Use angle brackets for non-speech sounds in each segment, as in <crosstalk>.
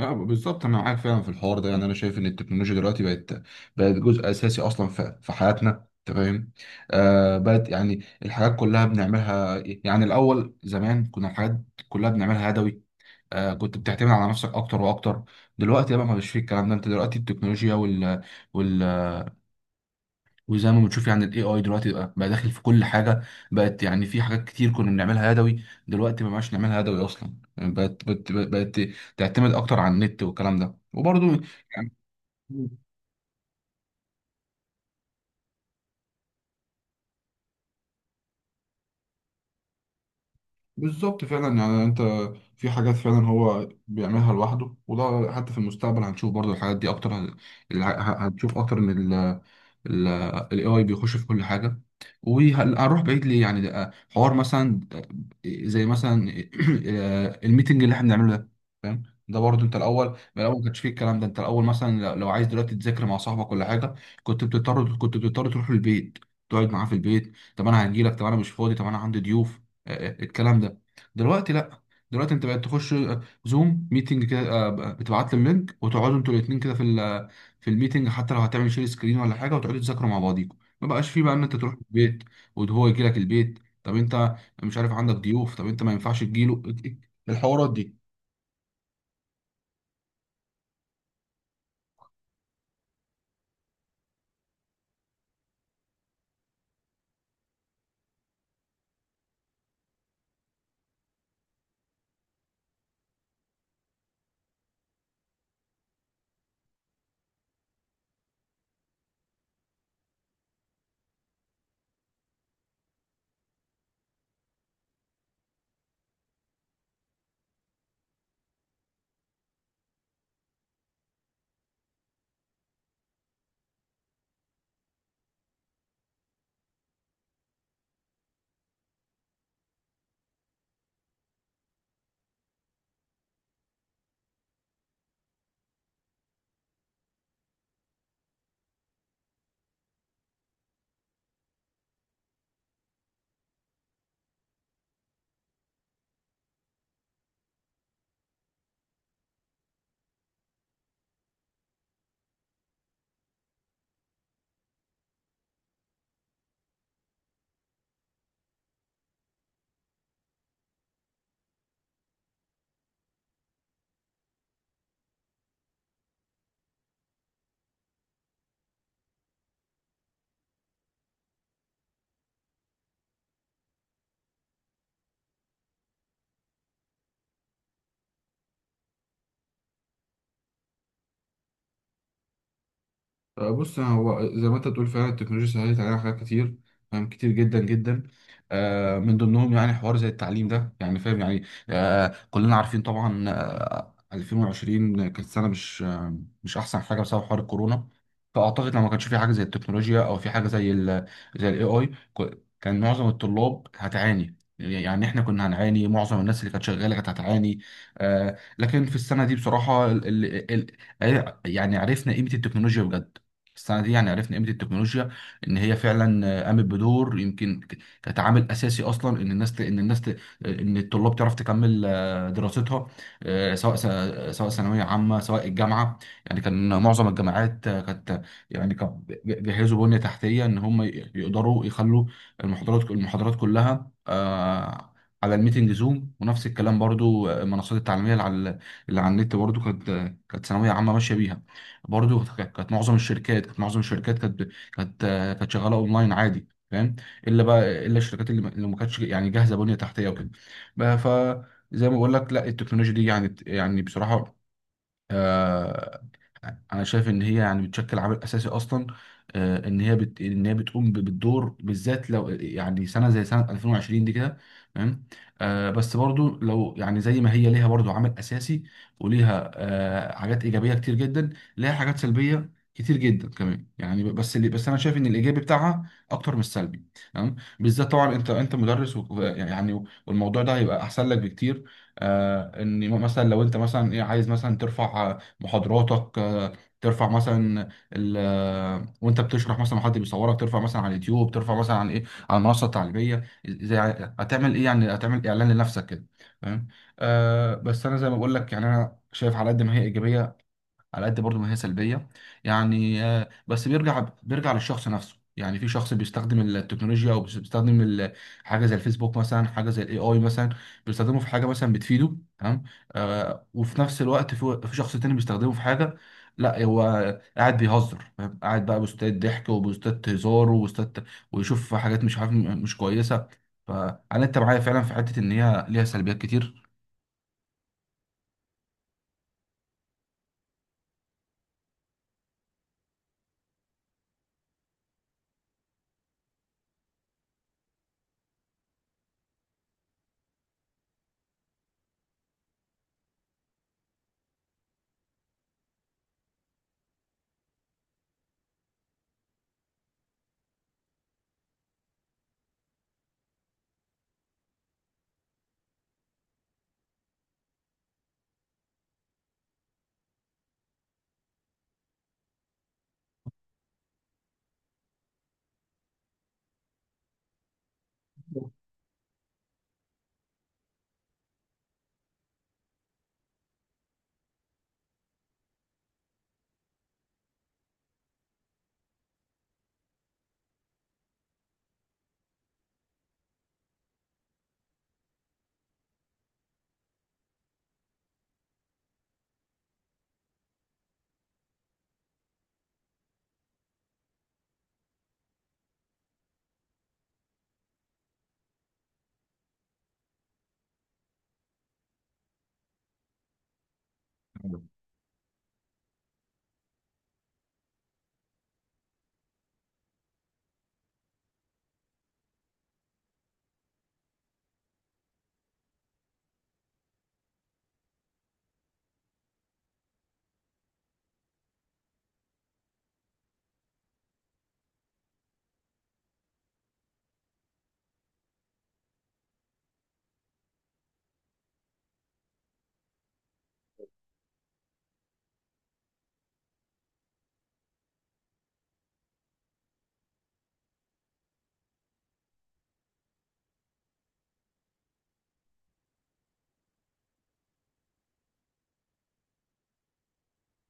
اه، بالظبط انا معاك فعلا في الحوار ده. يعني انا شايف ان التكنولوجيا دلوقتي بقت جزء اساسي اصلا في حياتنا. انت فاهم؟ بقت يعني الحاجات كلها بنعملها. يعني الاول زمان كنا الحاجات كلها بنعملها يدوي. كنت بتعتمد على نفسك اكتر واكتر. دلوقتي بقى ما فيش فيه الكلام ده. انت دلوقتي التكنولوجيا وال وزي ما بتشوف يعني الاي اي دلوقتي بقى داخل في كل حاجه. بقت يعني في حاجات كتير كنا بنعملها يدوي، دلوقتي ما بقاش نعملها يدوي اصلا. يعني بقت تعتمد اكتر على النت والكلام ده. وبرضه يعني بالظبط فعلا. يعني انت في حاجات فعلا هو بيعملها لوحده، وده حتى في المستقبل هنشوف برضو الحاجات دي اكتر. هنشوف اكتر ان ال ال ال AI بيخش في كل حاجة. وهنروح بعيد ليه؟ يعني ده حوار مثلا، زي مثلا <clears throat> الميتنج اللي احنا بنعمله ده. فاهم؟ ده برضو انت الاول، من الاول ما كانش فيه الكلام ده. انت الاول مثلا لو عايز دلوقتي تذاكر مع صاحبك ولا حاجة، كنت بتضطر تروح البيت، تقعد معاه في البيت. طب انا هجيلك، طب انا مش فاضي، طب انا عندي ضيوف. الكلام ده. دلوقتي لا، دلوقتي انت بقت تخش زوم ميتنج كده. بتبعت لهم لينك وتقعدوا انتوا الاثنين كده في في الميتنج. حتى لو هتعمل شير سكرين ولا حاجه، وتقعدوا تذاكروا مع بعضيكم. ما بقاش فيه بقى ان انت تروح البيت وهو يجي لك البيت. طب انت مش عارف، عندك ضيوف، طب انت ما ينفعش تجيله. الحوارات دي. بص، هو زي ما انت بتقول فعلا التكنولوجيا سهلت علينا حاجات كتير، فاهم، كتير جدا جدا. من ضمنهم يعني حوار زي التعليم ده، يعني فاهم يعني. كلنا عارفين طبعا. 2020 كانت سنه مش احسن حاجه بسبب حوار الكورونا. فاعتقد لو ما كانش في حاجه زي التكنولوجيا او في حاجه زي الاي اي، كان معظم الطلاب هتعاني. يعني احنا كنا هنعاني، معظم الناس اللي كانت شغاله كانت هتعاني. آه، لكن في السنه دي بصراحه ال ال ال يعني عرفنا قيمه التكنولوجيا بجد. السنه دي يعني عرفنا قيمه التكنولوجيا، ان هي فعلا قامت بدور، يمكن كانت عامل اساسي اصلا ان الناس ان الطلاب تعرف تكمل دراستها. آه، سواء سواء ثانويه عامه، سواء الجامعه. يعني كان معظم الجامعات كانت، يعني جهزوا بنية تحتية إن هم يقدروا يخلوا المحاضرات كلها على الميتنج زوم. ونفس الكلام برضو، آه، المنصات التعليمية اللي على النت برضو كانت ثانوية عامة ماشية بيها. برضو كانت معظم الشركات كانت شغالة أونلاين عادي، فاهم؟ إلا بقى إلا الشركات اللي ما كانتش يعني جاهزة بنية تحتية وكده. بقى فزي ما بقول لك، لا، التكنولوجيا دي يعني بصراحة، آه، انا شايف ان هي يعني بتشكل عامل اساسي اصلا. ان هي بتقوم بالدور، بالذات لو يعني سنه زي سنه 2020 دي كده، تمام؟ بس برضو، لو يعني زي ما هي ليها برضو عامل اساسي وليها حاجات ايجابيه كتير جدا، ليها حاجات سلبيه كتير جدا كمان. يعني بس انا شايف ان الايجابي بتاعها اكتر من السلبي، تمام؟ بالذات طبعا انت مدرس، يعني والموضوع ده هيبقى احسن لك بكتير. ان مثلا لو انت مثلا ايه، عايز مثلا ترفع محاضراتك، ترفع مثلا وانت بتشرح مثلا حد بيصورك، ترفع مثلا على اليوتيوب، ترفع مثلا على ايه، على المنصه التعليميه، زي. هتعمل ايه؟ يعني هتعمل اعلان لنفسك كده، فاهم؟ آه، بس انا زي ما بقول لك، يعني انا شايف على قد ما هي ايجابيه، على قد برضو ما هي سلبية. يعني بس بيرجع للشخص نفسه. يعني في شخص بيستخدم التكنولوجيا، او بيستخدم حاجه زي الفيسبوك مثلا، حاجه زي الاي اي مثلا، بيستخدمه في حاجه مثلا بتفيده، تمام. آه، وفي نفس الوقت في شخص تاني بيستخدمه في حاجه، لا، هو قاعد بيهزر، فاهم؟ قاعد بقى بوستات ضحك، وبوستات هزار، وبوستات ويشوف حاجات مش عارف، مش كويسه. فانا انت معايا فعلا في حته ان هي ليها سلبيات كتير.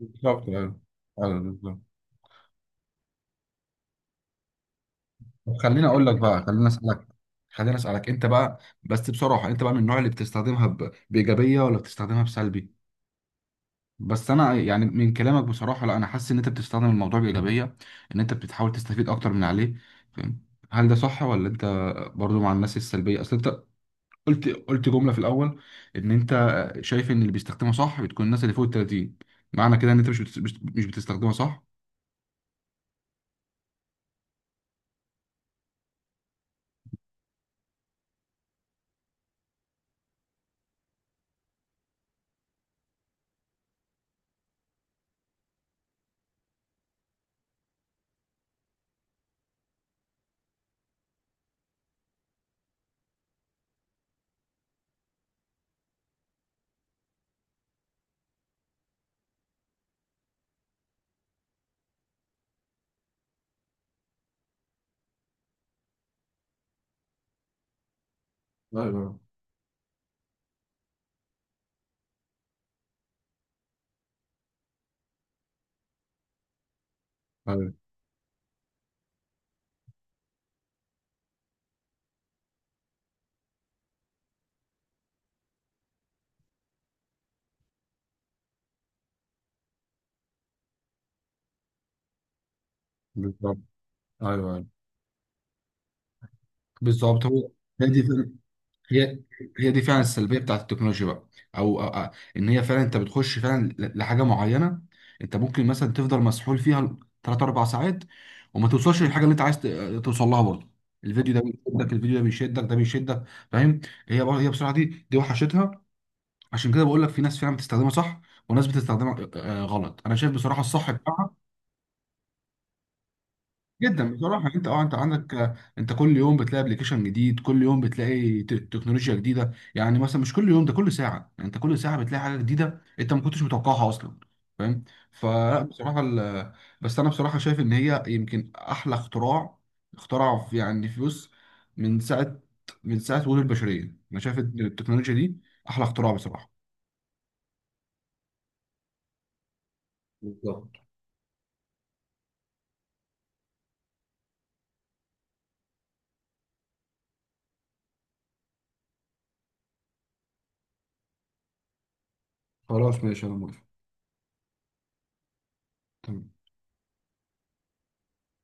بالظبط، ايوه، أيوة، بالظبط. طب خليني اقول لك بقى، خليني اسالك انت بقى، بس بصراحه انت بقى من النوع اللي بتستخدمها بايجابيه ولا بتستخدمها بسلبي؟ بس انا يعني من كلامك بصراحه، لا، انا حاسس ان انت بتستخدم الموضوع بايجابيه، ان انت بتحاول تستفيد اكتر من عليه، فاهم؟ هل ده صح ولا انت برضو مع الناس السلبيه؟ اصل انت قلت جمله في الاول ان انت شايف ان اللي بيستخدمها صح بتكون الناس اللي فوق ال 30. معنى كده ان انت مش بت... مش مش بتستخدمها صح؟ ايوه، ايوه، بالظبط. ايوه، ايوه، بالظبط. هي دي هي هي دي فعلا السلبيه بتاعت التكنولوجيا بقى. او ان هي فعلا انت بتخش فعلا لحاجه معينه. انت ممكن مثلا تفضل مسحول فيها ثلاث اربع ساعات، وما توصلش للحاجه اللي انت عايز توصل لها برضه. الفيديو ده بيشدك، الفيديو ده بيشدك، ده بيشدك، فاهم؟ هي بصراحه دي وحشتها. عشان كده بقول لك في ناس فعلا بتستخدمها صح، وناس بتستخدمها غلط. انا شايف بصراحه الصح بتاعها جدا. بصراحه انت عندك، انت كل يوم بتلاقي ابلكيشن جديد، كل يوم بتلاقي تكنولوجيا جديده. يعني مثلا مش كل يوم، ده كل ساعه. يعني انت كل ساعه بتلاقي حاجه جديده، انت ما كنتش متوقعها اصلا، فاهم؟ فلا بصراحه بس انا بصراحه شايف ان هي يمكن احلى اختراع اخترع في يعني فلوس، من ساعه من ساعه وجود البشريه. انا شايف ان التكنولوجيا دي احلى اختراع بصراحه. بالظبط. خلاص، ماشي، انا موافق. تمام.